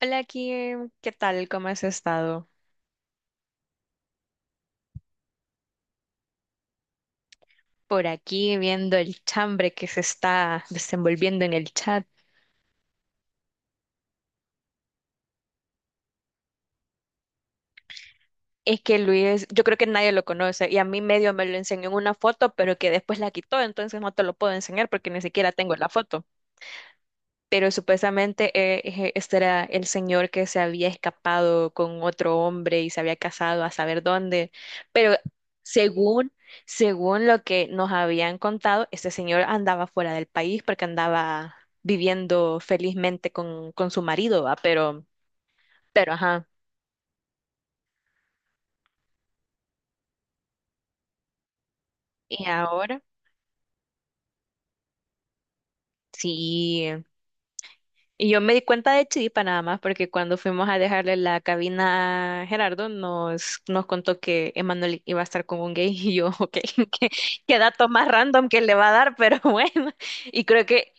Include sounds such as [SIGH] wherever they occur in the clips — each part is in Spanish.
Hola Kim, ¿qué tal? ¿Cómo has estado? Por aquí viendo el chambre que se está desenvolviendo en el chat. Es que Luis, yo creo que nadie lo conoce y a mí medio me lo enseñó en una foto, pero que después la quitó, entonces no te lo puedo enseñar porque ni siquiera tengo la foto. Pero supuestamente este era el señor que se había escapado con otro hombre y se había casado a saber dónde, pero según, según lo que nos habían contado, este señor andaba fuera del país porque andaba viviendo felizmente con su marido, ¿va? Pero ajá, y ahora sí. Y yo me di cuenta de Chiripa nada más, porque cuando fuimos a dejarle la cabina a Gerardo, nos contó que Emanuel iba a estar con un gay [LAUGHS] y yo, ok, [LAUGHS] qué, qué dato más random que le va a dar, [LAUGHS] pero bueno, y creo que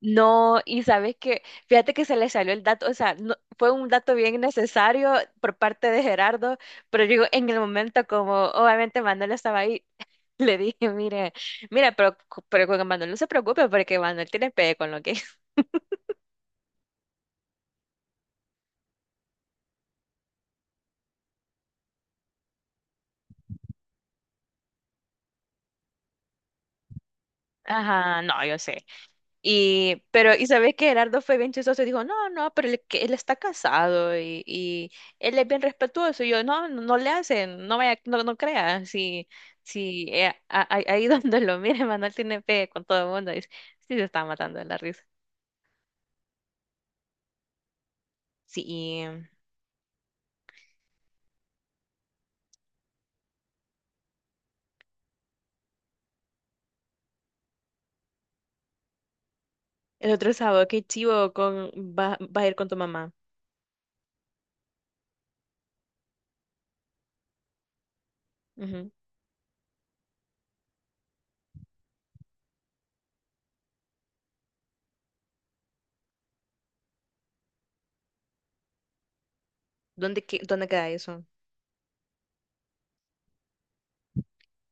no, y sabes que, fíjate que se le salió el dato, o sea, fue un dato bien necesario por parte de Gerardo, pero digo, en el momento como obviamente Manuel estaba ahí. [LAUGHS] Le dije, mire, mira, pero con Manuel no se preocupe porque Manuel tiene pegue con lo que. Ajá, no, yo sé. Y, pero, y sabes que Gerardo fue bien chistoso y dijo, no, no, pero él, que él está casado y él es bien respetuoso. Y yo, no, no, no le hacen, no vaya, no, no crea, si, ahí [LAUGHS] donde lo mire, Manuel tiene fe con todo el mundo. Y sí se está matando de la risa. Sí, el otro sábado, qué chivo con va, va a ir con tu mamá. Ujú. ¿Dónde, dónde queda eso?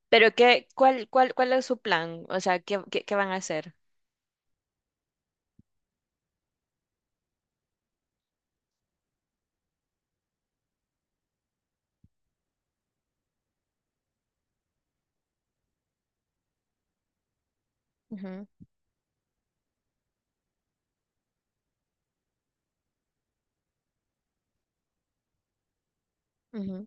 Pero qué, cuál, cuál, ¿cuál es su plan? O sea, ¿qué, qué, qué van a hacer? Ujú, ujú.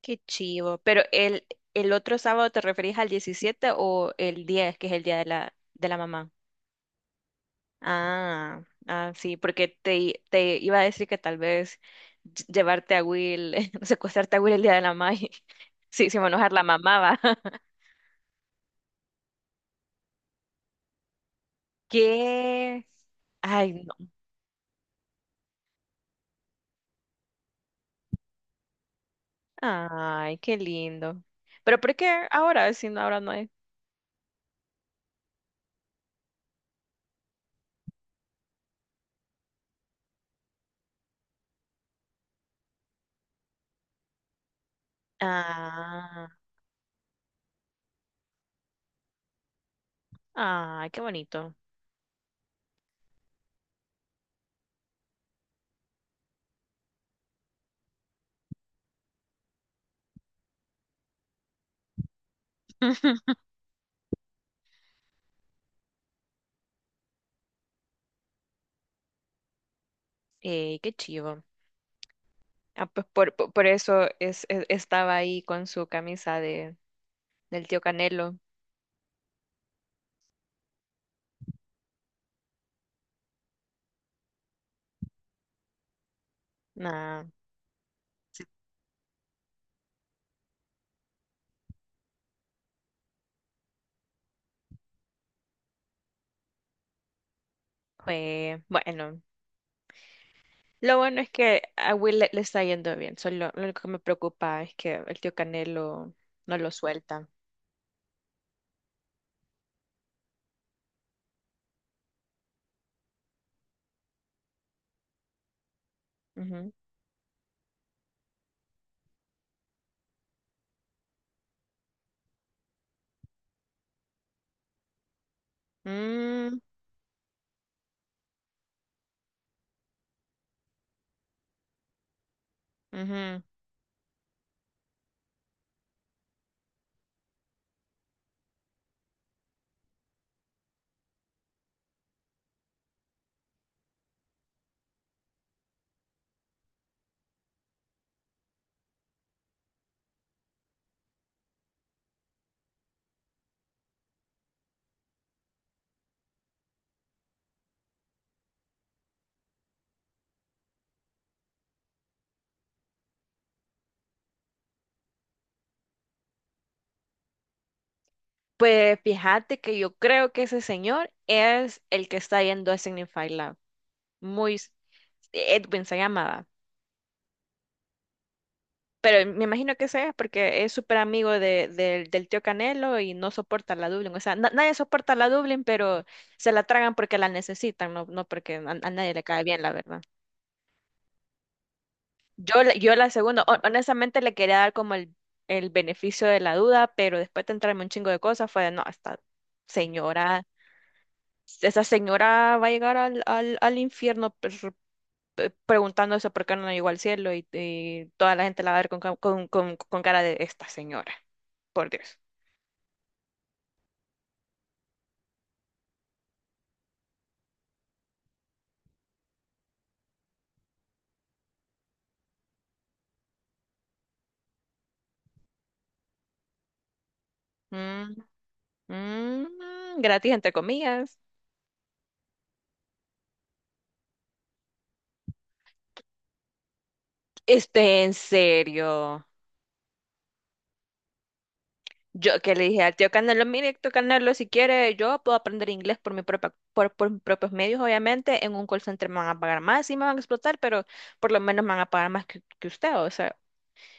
Qué chivo. Pero el otro sábado te referís al 17 o el 10 que es el día de la mamá. Ah, ah, sí, porque te, te iba a decir que tal vez llevarte a Will, [LAUGHS] secuestrarte a Will el día de la mamá. [LAUGHS] Sí, se va a enojar la mamá, va. [LAUGHS] ¿Qué? Ay, no. Ay, qué lindo. Pero ¿por qué ahora? Si no, ahora no hay. Ah, ay, qué bonito. [LAUGHS] Ey, qué chivo. Ah, pues por eso es, estaba ahí con su camisa de, del tío Canelo. Nah, fue bueno. Lo bueno es que a Will le está yendo bien. Solo lo único que me preocupa es que el tío Canelo no lo suelta. Ujú. Mm, ujú. Pues fíjate que yo creo que ese señor es el que está yendo a Signify Lab. Muy, Edwin se llamaba. Pero me imagino que sea porque es súper amigo de, del tío Canelo y no soporta la Dublin. O sea, nadie soporta la Dublin, pero se la tragan porque la necesitan, no, no porque a nadie le cae bien, la verdad. Yo, yo la segunda, honestamente le quería dar como el beneficio de la duda, pero después de entrarme un chingo de cosas fue de, no, esta señora, esa señora va a llegar al, al, al infierno preguntándose por qué no llegó al cielo y toda la gente la va a ver con, con cara de esta señora, por Dios. Mm, mm, gratis entre comillas. Este, en serio. Yo que le dije al tío Canelo, mire, tío Canelo, si quiere, yo puedo aprender inglés por mi propia, por mis propios medios, obviamente. En un call center me van a pagar más, sí me van a explotar, pero por lo menos me van a pagar más que usted. O sea,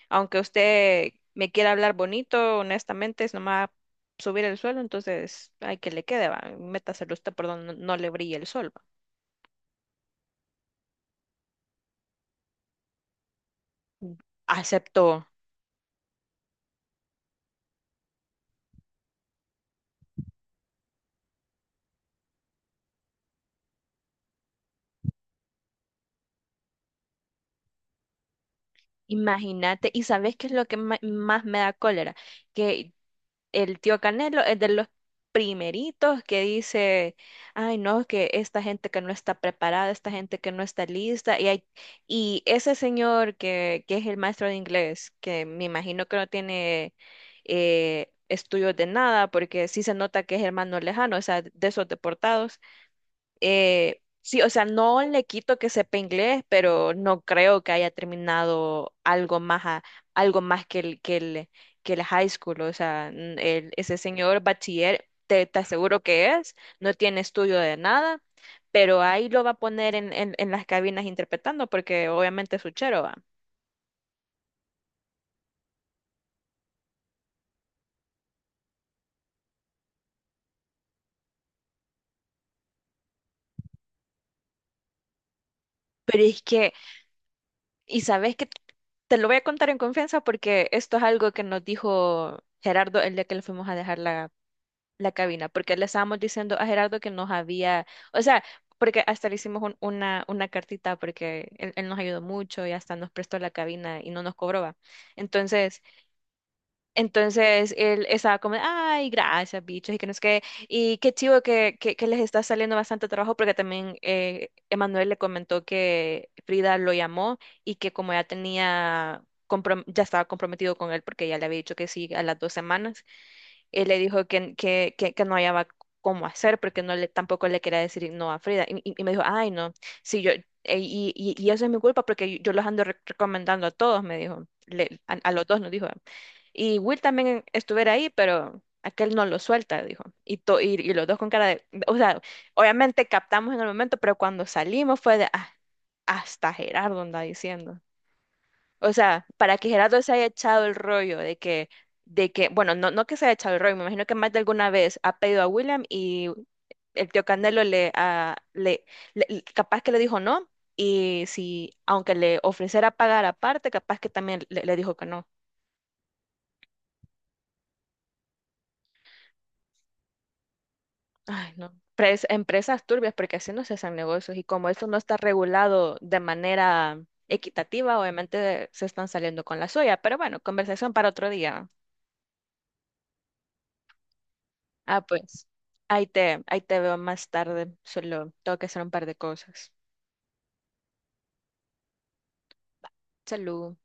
aunque usted me quiera hablar bonito, honestamente, no me va a subir el suelo, entonces, ay, que le quede, va, métaselo usted por donde no, no le brille el sol. Va". Aceptó. Imagínate, ¿y sabes qué es lo que más me da cólera? Que el tío Canelo es de los primeritos que dice, ay no, que esta gente que no está preparada, esta gente que no está lista, y, hay, y ese señor que es el maestro de inglés, que me imagino que no tiene estudios de nada, porque sí se nota que es hermano lejano, o sea, de esos deportados. Sí, o sea, no le quito que sepa inglés, pero no creo que haya terminado algo más, algo más que el, que el, que el high school. O sea, ese señor bachiller, te aseguro que es, no tiene estudio de nada, pero ahí lo va a poner en las cabinas interpretando, porque obviamente es uchero, va. Pero es que, y sabes que te lo voy a contar en confianza porque esto es algo que nos dijo Gerardo el día que le fuimos a dejar la cabina, porque le estábamos diciendo a Gerardo que nos había, o sea, porque hasta le hicimos una cartita porque él nos ayudó mucho y hasta nos prestó la cabina y no nos cobraba. Entonces, entonces él estaba como, ay, gracias, bichos, y que no es que, y qué chivo que les está saliendo bastante trabajo, porque también Emanuel le comentó que Frida lo llamó y que como ya tenía... ya estaba comprometido con él porque ya le había dicho que sí a las dos semanas, él le dijo que no hallaba cómo hacer, porque no le, tampoco le quería decir no a Frida. Y, y me dijo, ay, no, sí, yo, y eso es mi culpa porque yo los ando recomendando a todos, me dijo, a los dos nos dijo. Y Will también estuviera ahí, pero aquel no lo suelta, dijo. Y, y los dos con cara de, o sea, obviamente captamos en el momento, pero cuando salimos fue de, "Ah, hasta Gerardo anda diciendo. O sea, para que Gerardo se haya echado el rollo de que, bueno, no, no que se haya echado el rollo, me imagino que más de alguna vez ha pedido a William y el tío Candelo le, ah, le, capaz que le dijo no, y si, aunque le ofreciera pagar aparte, capaz que también le dijo que no. Ay, no. Empresas turbias, porque así no se hacen negocios, y como esto no está regulado de manera equitativa, obviamente se están saliendo con la suya, pero bueno, conversación para otro día. Ah, pues, ahí te veo más tarde. Solo tengo que hacer un par de cosas. Salud.